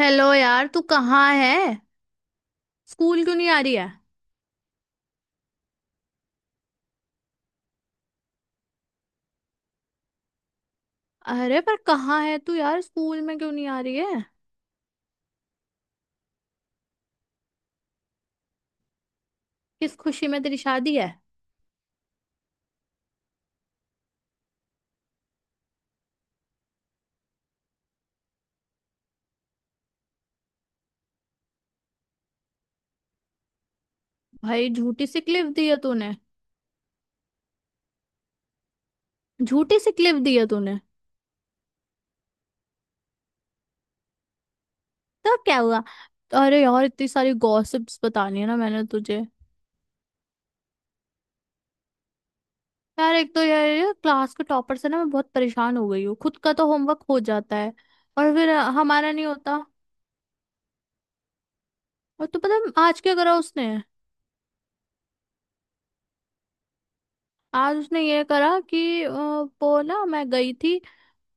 Hello यार, तू कहाँ है। स्कूल क्यों नहीं आ रही है। अरे पर कहाँ है तू यार, स्कूल में क्यों नहीं आ रही है। किस खुशी में, तेरी शादी है। भाई झूठी सी क्लिप दी है तूने। झूठी सी क्लिप दी है तूने। तो क्या हुआ। अरे यार इतनी सारी गॉसिप्स बतानी है ना मैंने तुझे। यार एक तो यार ये क्लास के टॉपर से ना मैं बहुत परेशान हो गई हूँ। खुद का तो होमवर्क हो जाता है और फिर हमारा नहीं होता। और तू पता है आज क्या करा उसने। आज उसने ये करा कि वो ना, मैं गई थी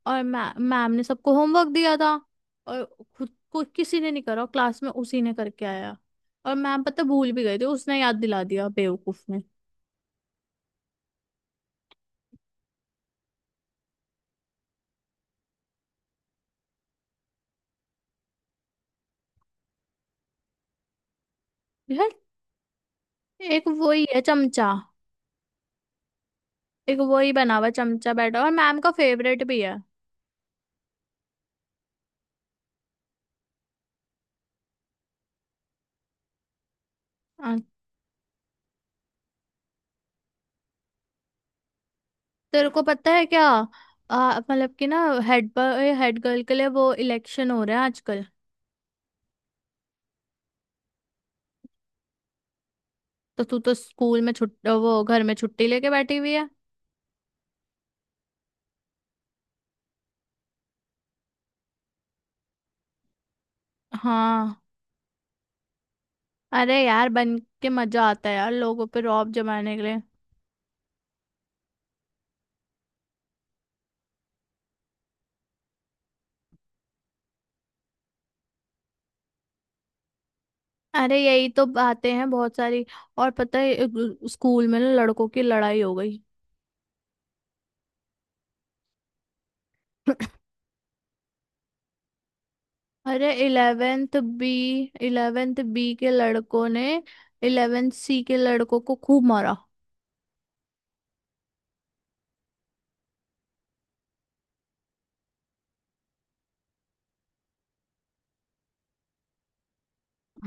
और मै मैम ने सबको होमवर्क दिया था। और खुद को किसी ने नहीं करा क्लास में, उसी ने करके आया। और मैम पता भूल भी गए थे, उसने याद दिला दिया बेवकूफ ने। यार एक वही है चमचा। एक वही बना हुआ चमचा बैठा हुआ, और मैम का फेवरेट भी है। आ, तेरे को पता है क्या। मतलब कि ना, हेड पर हेड गर्ल के लिए वो इलेक्शन हो रहे हैं आजकल। तो तू तो स्कूल में छुट, वो घर में छुट्टी लेके बैठी हुई है। हाँ, अरे यार बन के मजा आता है यार, लोगों पे रौब जमाने के लिए। अरे यही तो बातें हैं बहुत सारी। और पता है, एक स्कूल में ना लड़कों की लड़ाई हो गई। अरे इलेवेंथ बी, इलेवेंथ बी के लड़कों ने इलेवेंथ सी के लड़कों को खूब मारा।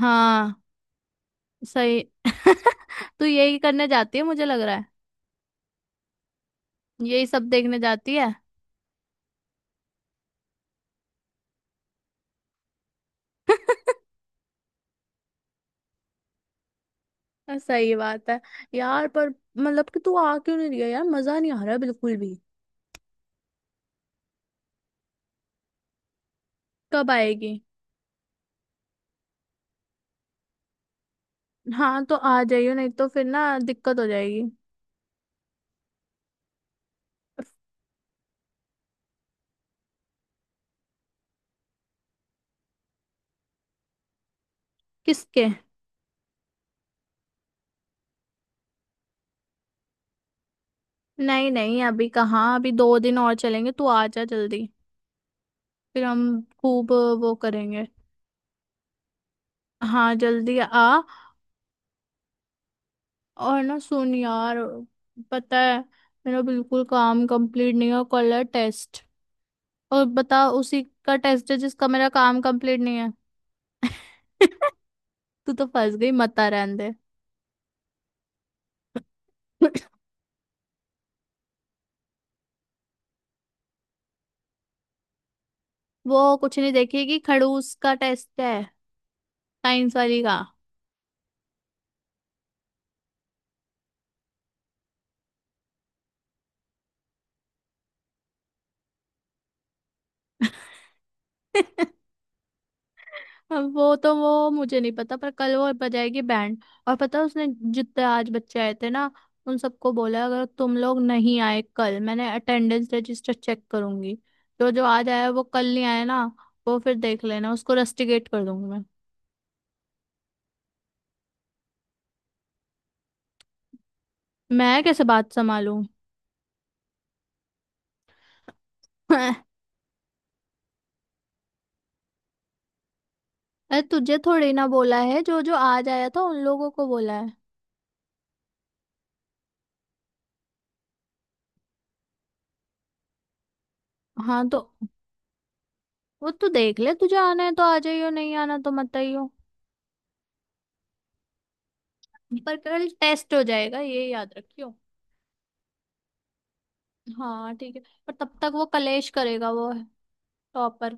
हाँ, सही। तू यही करने जाती है मुझे लग रहा है। यही सब देखने जाती है। सही बात है। यार पर मतलब कि तू आ क्यों नहीं रही है यार, मजा नहीं आ रहा है बिल्कुल भी। कब आएगी। हाँ तो आ जाइयो, नहीं तो फिर ना दिक्कत हो जाएगी। किसके। नहीं नहीं, अभी कहाँ, अभी दो दिन और चलेंगे, तू आ जा जल्दी। फिर हम खूब वो करेंगे। हाँ जल्दी आ। और ना सुन यार, पता है मेरा बिल्कुल काम कंप्लीट नहीं है, कल है टेस्ट। और बता, उसी का टेस्ट है जिसका मेरा काम कंप्लीट नहीं है। तू तो फंस गई, मता रहने दे। वो कुछ नहीं देखेगी, खड़ूस का टेस्ट है। साइंस वाली का। अब वो तो, वो मुझे नहीं पता, पर कल वो बजाएगी बैंड। और पता है उसने, जितने आज बच्चे आए थे ना, उन सबको बोला अगर तुम लोग नहीं आए कल, मैंने अटेंडेंस रजिस्टर चेक करूंगी। जो जो आज आया वो कल नहीं आया ना, वो फिर देख लेना, उसको रस्टिकेट कर दूंगी मैं। मैं कैसे बात संभालूं। अरे तुझे थोड़ी ना बोला है, जो जो आज आया था उन लोगों को बोला है। हाँ तो वो तू देख ले, तुझे आना है तो आ जाइयो, नहीं आना तो मत आइयो। पर कल टेस्ट हो जाएगा ये याद रखियो। हाँ ठीक है। पर तब तक वो कलेश करेगा, वो टॉपर।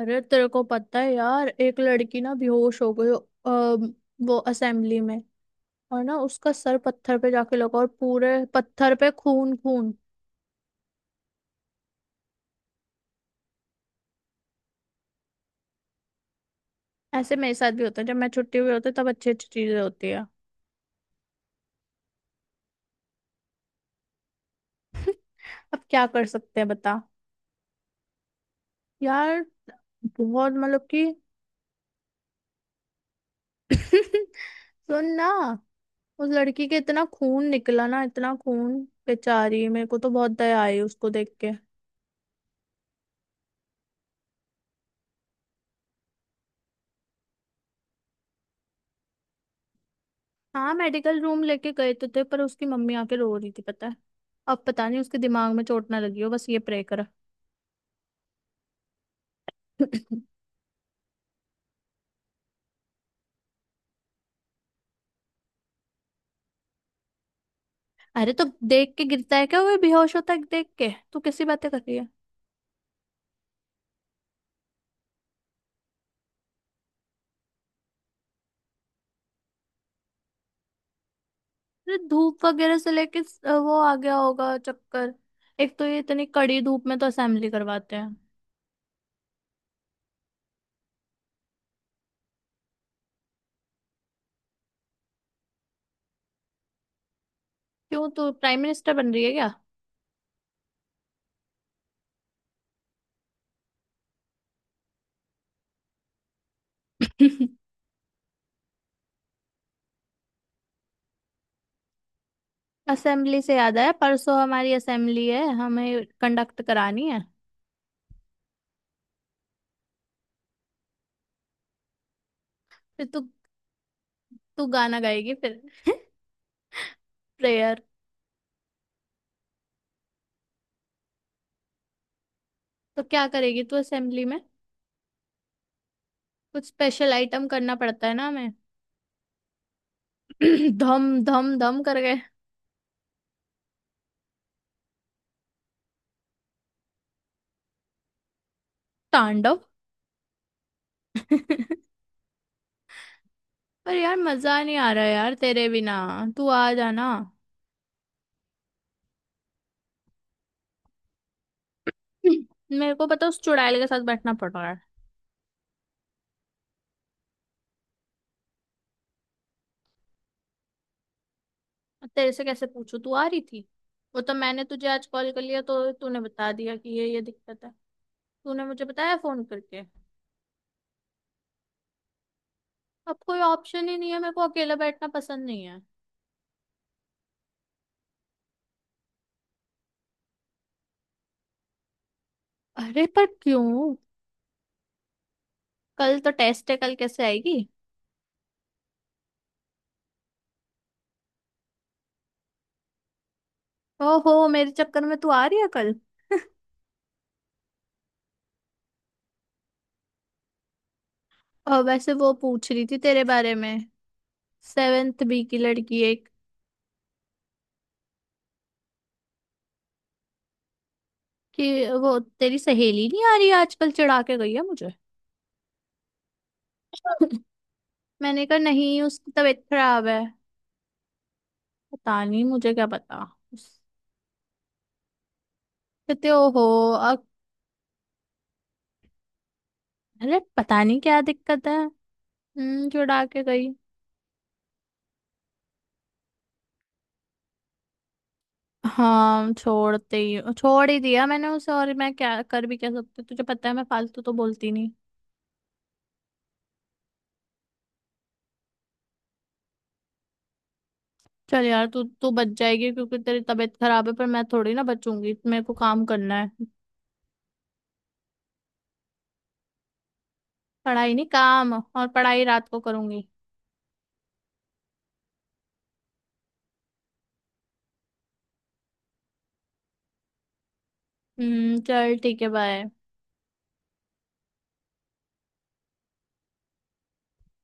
अरे तेरे को पता है यार, एक लड़की ना बेहोश हो गई। अम, वो असेंबली में। और ना उसका सर पत्थर पे जाके लगा और पूरे पत्थर पे खून खून। ऐसे मेरे साथ भी होता है, जब मैं छुट्टी हुई होती है तब अच्छी अच्छी चीजें होती है। अब क्या कर सकते हैं बता। यार बहुत मतलब कि। सुन ना, उस लड़की के इतना खून निकला ना, इतना खून। बेचारी, मेरे को तो बहुत दया आई उसको देख के। हाँ मेडिकल रूम लेके गए तो थे, पर उसकी मम्मी आके रो रही थी पता है। अब पता नहीं उसके दिमाग में चोट ना लगी हो, बस ये प्रे कर। अरे तो देख के गिरता है क्या, वो बेहोश होता है देख के, तू कैसी बातें कर रही है। अरे धूप वगैरह से लेके वो आ गया होगा चक्कर। एक तो ये इतनी कड़ी धूप में तो असेंबली करवाते हैं। क्यों, तू प्राइम मिनिस्टर बन रही है क्या। असेंबली से याद आया, परसों हमारी असेंबली है, हमें कंडक्ट करानी है। फिर तू तू गाना गाएगी फिर। प्रेयर। तो क्या करेगी तू असेंबली में, कुछ स्पेशल आइटम करना पड़ता है ना हमें। धम धम धम कर गए। तांडव। पर यार मजा नहीं आ रहा यार तेरे बिना, तू आ जाना। मेरे को पता, उस चुड़ैल के साथ बैठना पड़ रहा है। अब तेरे से कैसे पूछूं, तू आ रही थी। वो तो मैंने तुझे आज कॉल कर लिया तो तूने बता दिया कि ये दिक्कत है। तूने मुझे बताया फोन करके। अब कोई ऑप्शन ही नहीं है, मेरे को अकेला बैठना पसंद नहीं है। अरे पर क्यों। कल तो टेस्ट है, कल कैसे आएगी। ओहो, मेरे चक्कर में तू आ रही है कल। और वैसे वो पूछ रही थी तेरे बारे में, सेवेंथ बी की लड़की एक। कि वो तेरी सहेली नहीं आ रही आजकल, चिढ़ा के गई है मुझे। मैंने कहा नहीं उसकी तबीयत खराब है। पता नहीं मुझे, क्या पता। उस- कहते ओहो। अब अरे पता नहीं क्या दिक्कत है। हम्म, चिढ़ा के गई। हाँ छोड़ते ही, छोड़ ही दिया मैंने उसे, और मैं क्या कर भी क्या सकती हूँ? तुझे पता है मैं फालतू तो बोलती नहीं। चल यार, तू तू बच जाएगी क्योंकि तेरी तबीयत खराब है, पर मैं थोड़ी ना बचूंगी, मेरे को काम करना है। पढ़ाई नहीं, काम, और पढ़ाई रात को करूंगी। चल ठीक है, बाय।